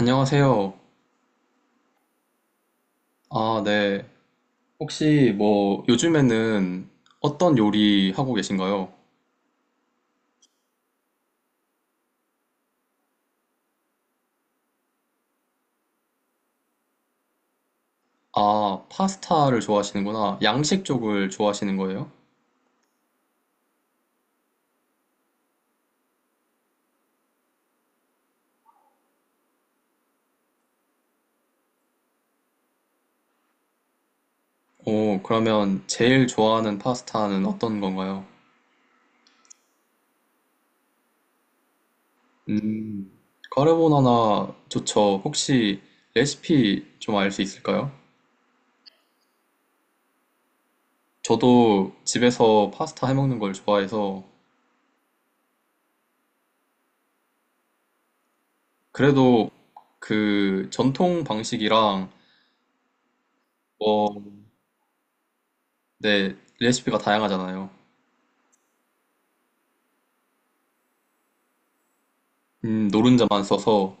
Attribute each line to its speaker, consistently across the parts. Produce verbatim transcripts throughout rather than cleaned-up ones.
Speaker 1: 안녕하세요. 아, 네. 혹시 뭐 요즘에는 어떤 요리 하고 계신가요? 아, 파스타를 좋아하시는구나. 양식 쪽을 좋아하시는 거예요? 오, 그러면 제일 좋아하는 파스타는 어떤 건가요? 음, 카르보나나 좋죠. 혹시 레시피 좀 알 수 있을까요? 저도 집에서 파스타 해먹는 걸 좋아해서 그래도 그 전통 방식이랑 네, 레시피가 다양하잖아요. 음, 노른자만 써서,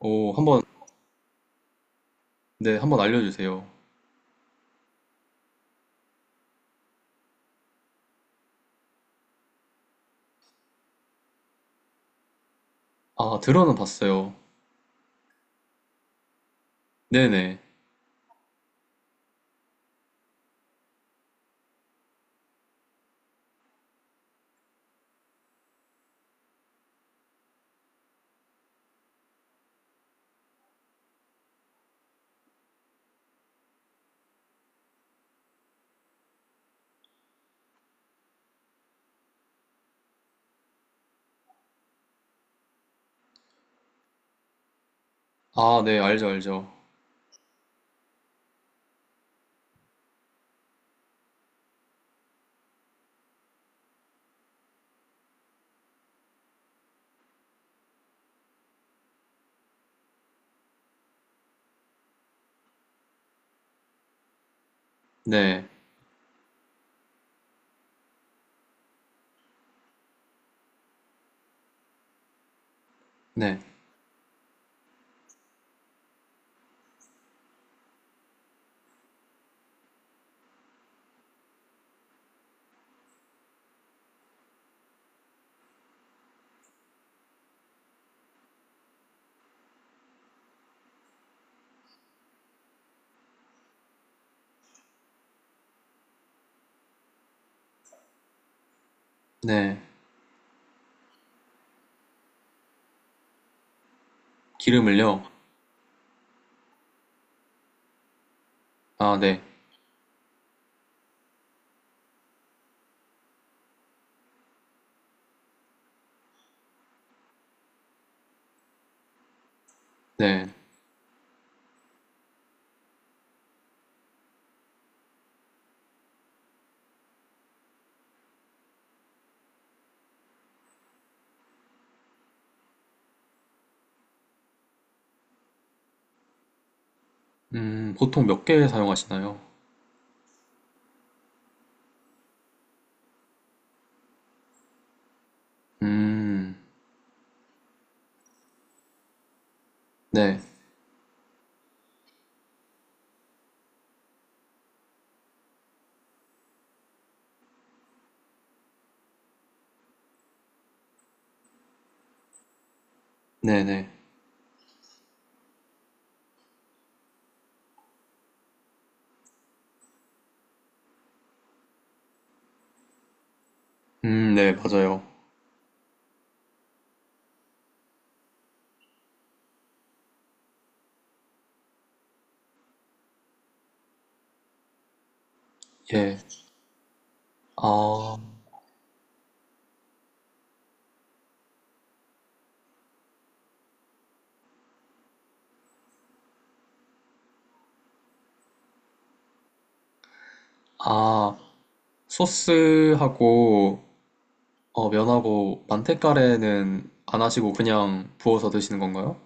Speaker 1: 오, 한 번, 네, 한 번 알려주세요. 아, 들어는 봤어요. 네네. 아, 네, 알죠, 알죠. 네, 네, 네. 기름을요? 아, 네, 네. 음, 보통 몇 개 사용하시나요? 음, 네, 네네. 음, 네, 맞아요. 예. 아, 아, 소스하고, 어, 면하고, 만테카레는 안 하시고 그냥 부어서 드시는 건가요?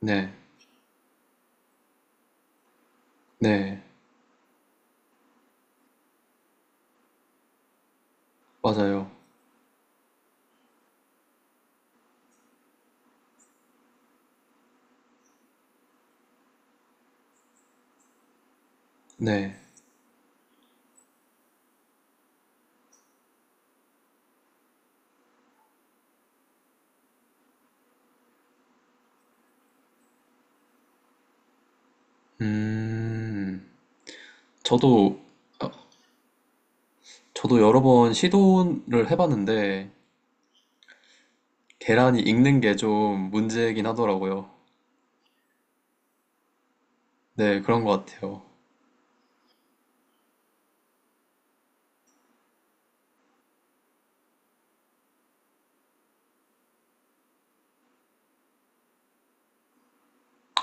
Speaker 1: 네, 네, 맞아요. 네. 음, 저도, 저도 여러 번 시도를 해봤는데, 계란이 익는 게 좀 문제긴 하더라고요. 네, 그런 것 같아요.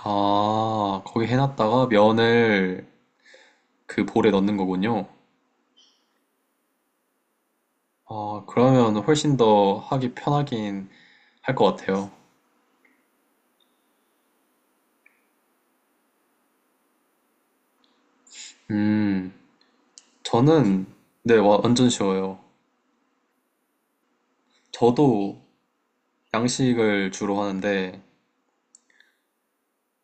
Speaker 1: 아, 거기 해놨다가 면을 그 볼에 넣는 거군요. 아, 그러면 훨씬 더 하기 편하긴 할 것 같아요. 음, 저는, 네, 와, 완전 쉬워요. 저도 양식을 주로 하는데,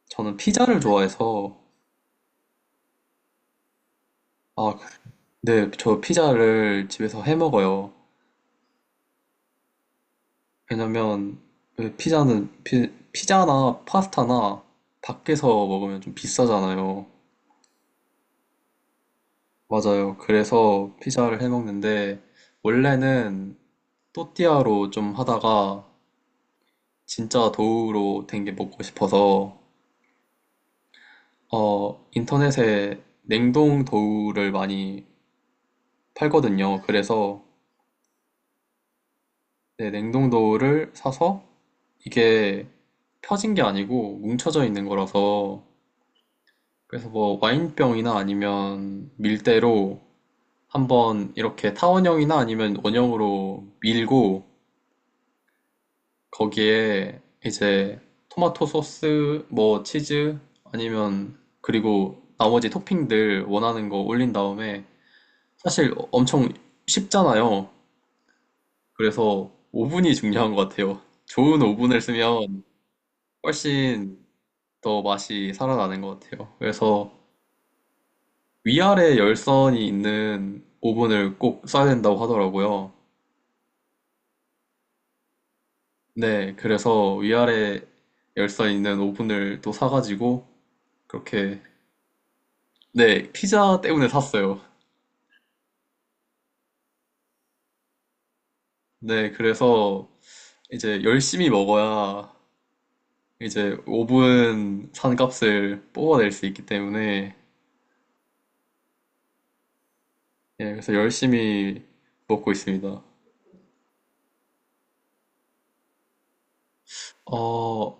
Speaker 1: 저는 피자를 좋아해서, 아, 네, 저 피자를 집에서 해 먹어요. 왜냐면 왜 피자는 피, 피자나 파스타나 밖에서 먹으면 좀 비싸잖아요. 맞아요. 그래서 피자를 해 먹는데 원래는 또띠아로 좀 하다가 진짜 도우로 된 게 먹고 싶어서 어 인터넷에 냉동 도우를 많이 팔거든요. 그래서 네, 냉동 도우를 사서 이게 펴진 게 아니고 뭉쳐져 있는 거라서 그래서 뭐 와인병이나 아니면 밀대로 한번 이렇게 타원형이나 아니면 원형으로 밀고 거기에 이제 토마토 소스, 뭐 치즈 아니면 그리고 나머지 토핑들 원하는 거 올린 다음에 사실 엄청 쉽잖아요. 그래서 오븐이 중요한 것 같아요. 좋은 오븐을 쓰면 훨씬 더 맛이 살아나는 것 같아요. 그래서 위아래 열선이 있는 오븐을 꼭 써야 된다고 하더라고요. 네, 그래서 위아래 열선 있는 오븐을 또 사가지고 그렇게 네, 피자 때문에 샀어요. 네, 그래서 이제 열심히 먹어야 이제 오븐 산 값을 뽑아낼 수 있기 때문에 예, 그래서 열심히 먹고 있습니다. 어,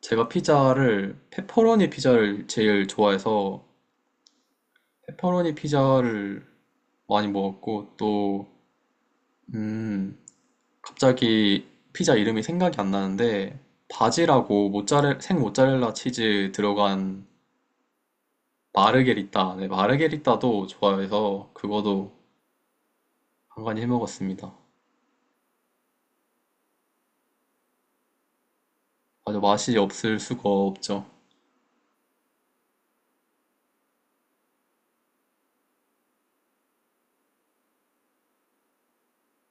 Speaker 1: 제가 피자를 페퍼로니 피자를 제일 좋아해서 페퍼로니 피자를 많이 먹었고 또 음, 갑자기 피자 이름이 생각이 안 나는데 바지라고 모짜렐 생 모짜렐라 치즈 들어간 마르게리따 네, 마르게리따도 좋아해서 그거도 간간히 해 먹었습니다. 맞아 맛이 없을 수가 없죠.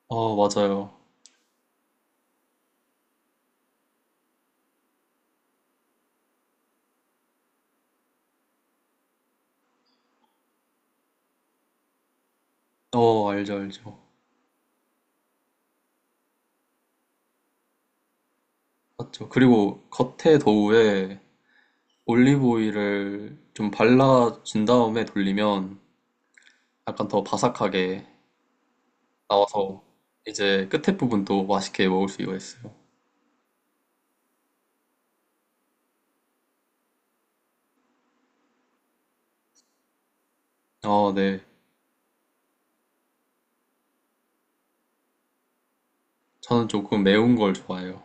Speaker 1: 어 맞아요. 어 알죠 알죠. 맞죠. 그리고 겉에 도우에 올리브 오일을 좀 발라준 다음에 돌리면 약간 더 바삭하게 나와서 이제 끝에 부분도 맛있게 먹을 수 있어요. 아, 네. 저는 조금 매운 걸 좋아해요.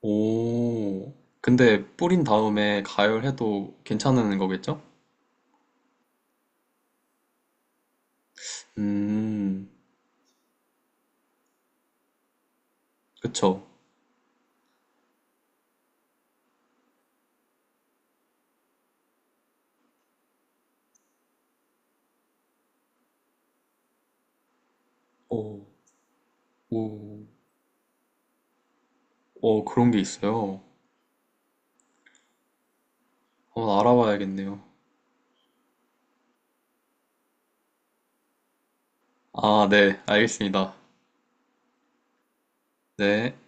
Speaker 1: 오. 근데 뿌린 다음에 가열해도 괜찮은 거겠죠? 음, 그쵸. 오, 오, 오, 그런 게 있어요. 한번 알아봐야겠네요. 아, 네, 알겠습니다. 네.